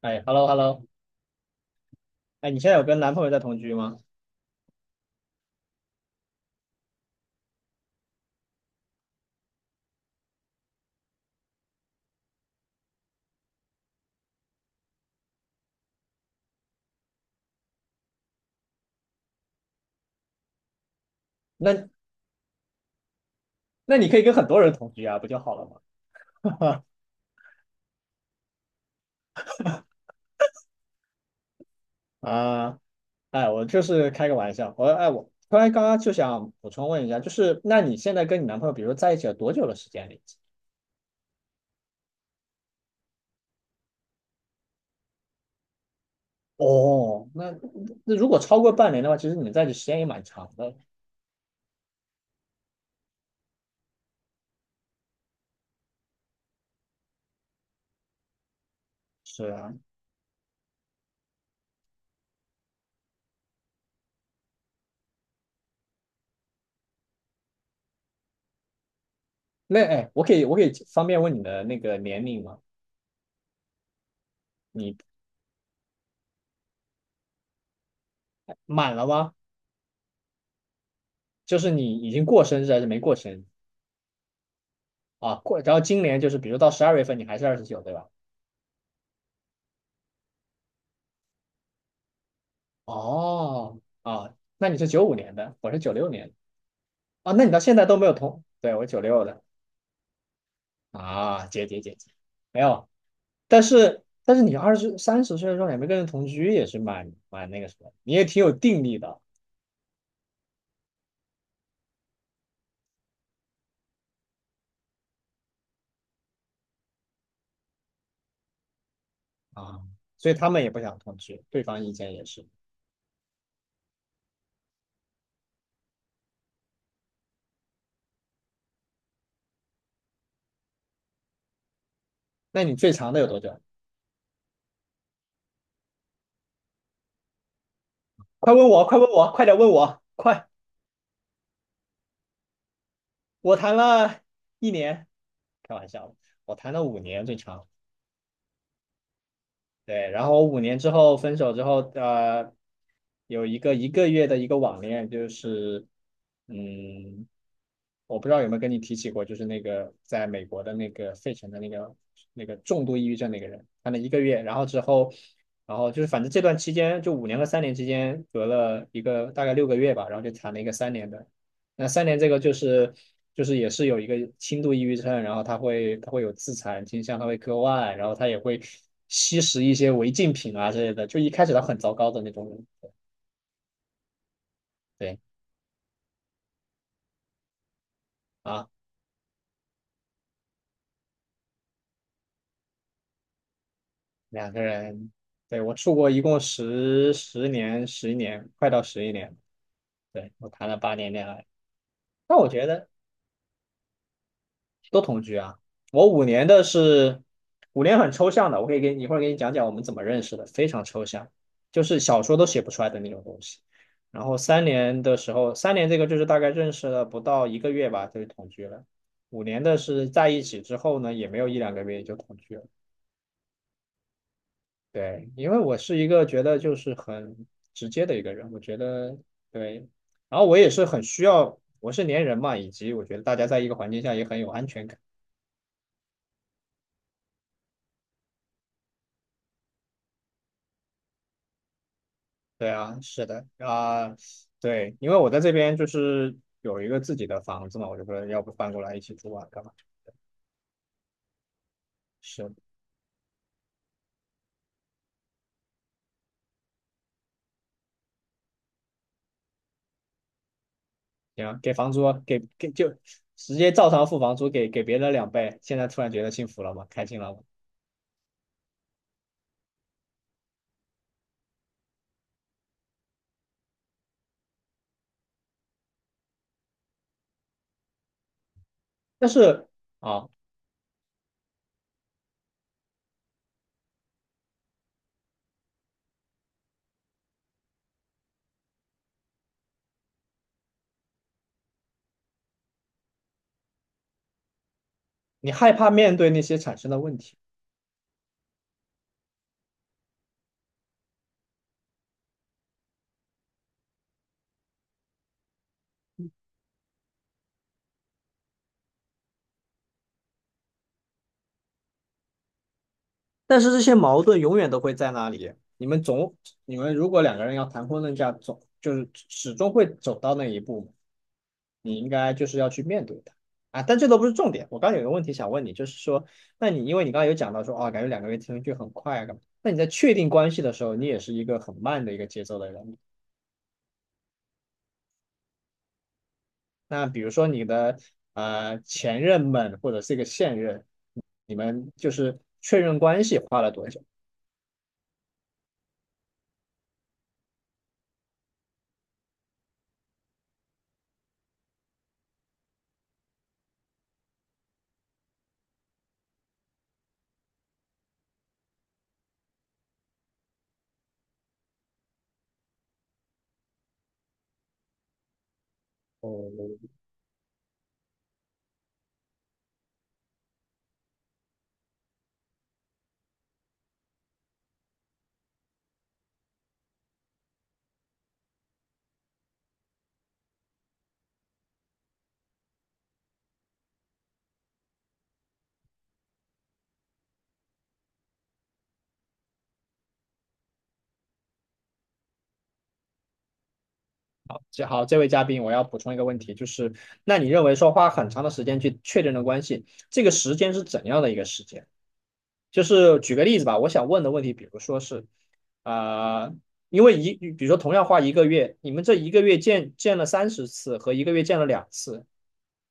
哎，hello hello，哎，你现在有跟男朋友在同居吗？那那你可以跟很多人同居啊，不就好了吗？啊，哎，我就是开个玩笑，我突然刚刚就想补充问一下，就是那你现在跟你男朋友，比如说在一起了多久的时间了已经？哦，那如果超过半年的话，其实你们在一起时间也蛮长的。是啊，那哎，我可以方便问你的那个年龄吗？你满了吗？就是你已经过生日还是没过生日？啊？过，然后今年就是比如到12月份你还是29，对吧？哦，哦，那你是95年的，我是96年的。啊，那你到现在都没有同，对，我九六的。啊，姐姐姐姐，没有。但是你二十三十岁的时候也没跟人同居，也是蛮那个什么，你也挺有定力的啊。所以他们也不想同居，对方意见也是。那你最长的有多久？快问我，快问我，快点问我，快！我谈了一年，开玩笑的，我谈了五年最长。对，然后我五年之后分手之后，有一个一个月的一个网恋，就是，嗯，我不知道有没有跟你提起过，就是那个在美国的那个费城的那个重度抑郁症那个人，他那一个月，然后之后，然后就是反正这段期间，就五年和三年之间隔了一个大概6个月吧，然后就谈了一个三年的。那三年这个就是也是有一个轻度抑郁症，然后他会有自残倾向，他会割腕，然后他也会吸食一些违禁品啊之类的。就一开始他很糟糕的那种人，对啊。两个人，对，我出国一共10年，十一年，快到十一年了。对，我谈了8年恋爱，那我觉得都同居啊。我五年的是五年很抽象的，我可以给你一会儿给你讲讲我们怎么认识的，非常抽象，就是小说都写不出来的那种东西。然后三年的时候，三年这个就是大概认识了不到一个月吧，就同居了。五年的是在一起之后呢，也没有一两个月就同居了。对，因为我是一个觉得就是很直接的一个人，我觉得对，然后我也是很需要，我是粘人嘛，以及我觉得大家在一个环境下也很有安全感。对啊，是的啊，对，因为我在这边就是有一个自己的房子嘛，我就说要不搬过来一起住啊，干嘛？是，行，给房租，给就直接照常付房租，给别人2倍，现在突然觉得幸福了吗？开心了吗？但是啊，你害怕面对那些产生的问题。但是这些矛盾永远都会在那里。你们总，你们如果两个人要谈婚论嫁，总就是始终会走到那一步，你应该就是要去面对它啊。但这都不是重点。我刚刚有个问题想问你，就是说，那你因为你刚刚有讲到说，哦，感觉两个人听上去很快啊，干嘛？那你在确定关系的时候，你也是一个很慢的一个节奏的人。那比如说你的前任们或者是一个现任，你们就是确认关系花了多久？哦，这好，这位嘉宾，我要补充一个问题，就是那你认为说花很长的时间去确认的关系，这个时间是怎样的一个时间？就是举个例子吧，我想问的问题，比如说是，啊、因为一，比如说同样花一个月，你们这一个月见了30次和一个月见了2次，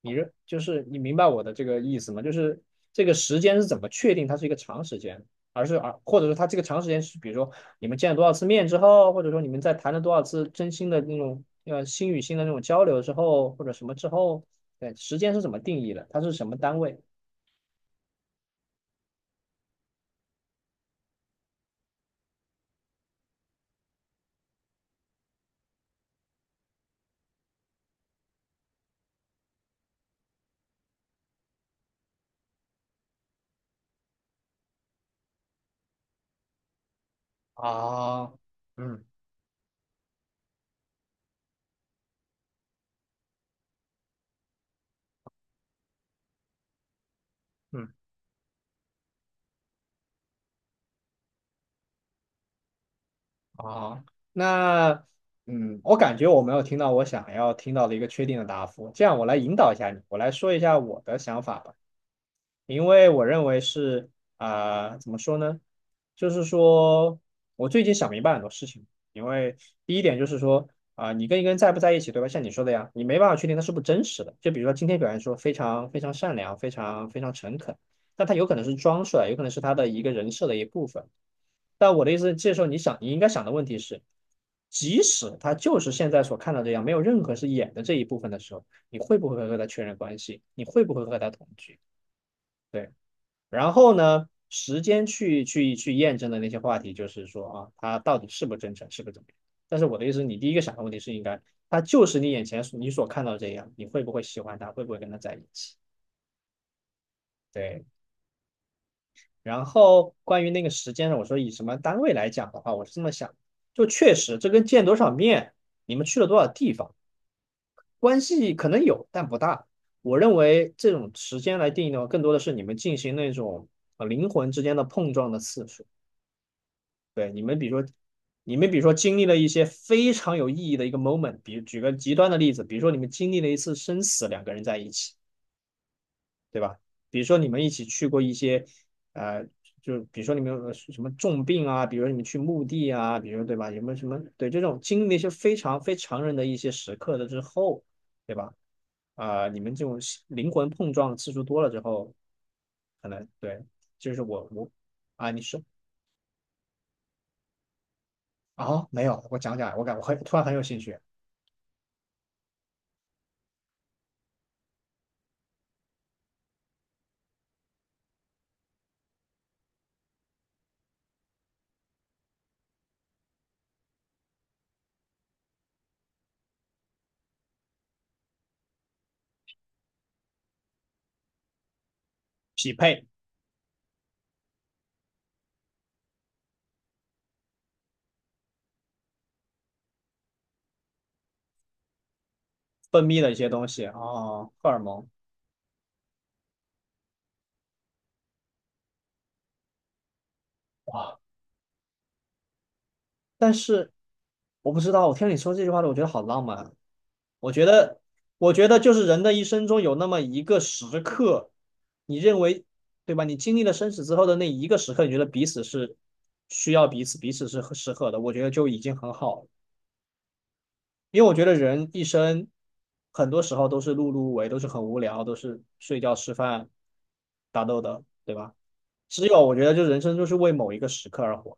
就是你明白我的这个意思吗？就是这个时间是怎么确定它是一个长时间，而是啊，或者说它这个长时间是比如说你们见了多少次面之后，或者说你们在谈了多少次真心的那种心与心的那种交流之后，或者什么之后，对，时间是怎么定义的？它是什么单位？啊，嗯嗯。啊，那嗯，我感觉我没有听到我想要听到的一个确定的答复，这样我来引导一下你，我来说一下我的想法吧。因为我认为是怎么说呢？就是说我最近想明白很多事情。因为第一点就是说，你跟一个人在不在一起，对吧？像你说的呀，你没办法确定他是不是真实的。就比如说今天表现说非常非常善良、非常非常诚恳，但他有可能是装出来，有可能是他的一个人设的一部分。但我的意思，这时候你想，你应该想的问题是，即使他就是现在所看到这样，没有任何是演的这一部分的时候，你会不会和他确认关系？你会不会和他同居？对。然后呢，时间去验证的那些话题，就是说啊，他到底是不真诚，是不怎么样。但是我的意思，你第一个想的问题是应该，他就是你眼前你所看到这样，你会不会喜欢他，会不会跟他在一起？对。然后关于那个时间呢，我说以什么单位来讲的话，我是这么想，就确实这跟见多少面，你们去了多少地方，关系可能有，但不大。我认为这种时间来定义的话，更多的是你们进行那种灵魂之间的碰撞的次数。对，你们比如说，你们比如说经历了一些非常有意义的一个 moment，比举个极端的例子，比如说你们经历了一次生死，两个人在一起，对吧？比如说你们一起去过一些，呃，就比如说你们有什么重病啊，比如说你们去墓地啊，比如说对吧？有没有什么对这种经历了一些非常非常人的一些时刻的之后，对吧？你们这种灵魂碰撞次数多了之后，可能对，就是我啊，你说。啊，没有，我讲讲，我很突然很有兴趣。匹配分泌的一些东西啊，哦荷尔蒙哇。但是我不知道，我听你说这句话的，我觉得好浪漫啊。我觉得，我觉得就是人的一生中有那么一个时刻，你认为对吧？你经历了生死之后的那一个时刻，你觉得彼此是需要彼此，彼此是适合的，我觉得就已经很好了。因为我觉得人一生很多时候都是碌碌无为，都是很无聊，都是睡觉、吃饭、打斗的，对吧？只有我觉得，就人生就是为某一个时刻而活。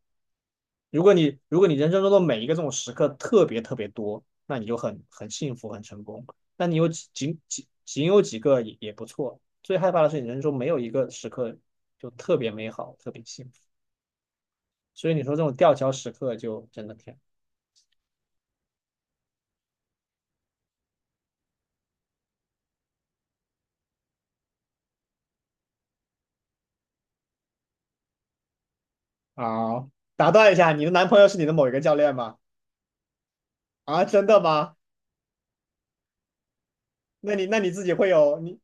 如果你人生中的每一个这种时刻特别特别多，那你就很幸福很成功。那你有几仅仅仅有几个也也不错。最害怕的是你人生中没有一个时刻就特别美好，特别幸福。所以你说这种吊桥时刻就真的天啊！打断一下，你的男朋友是你的某一个教练吗？啊，真的吗？那你那你自己会有你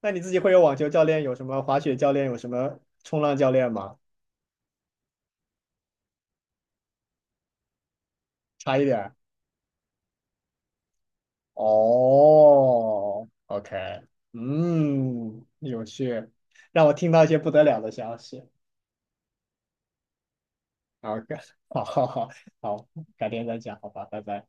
那你自己会有网球教练，有什么滑雪教练，有什么冲浪教练吗？差一点。哦，OK，嗯，有趣，让我听到一些不得了的消息。好，好，好，好，好，改天再讲，好吧，拜拜。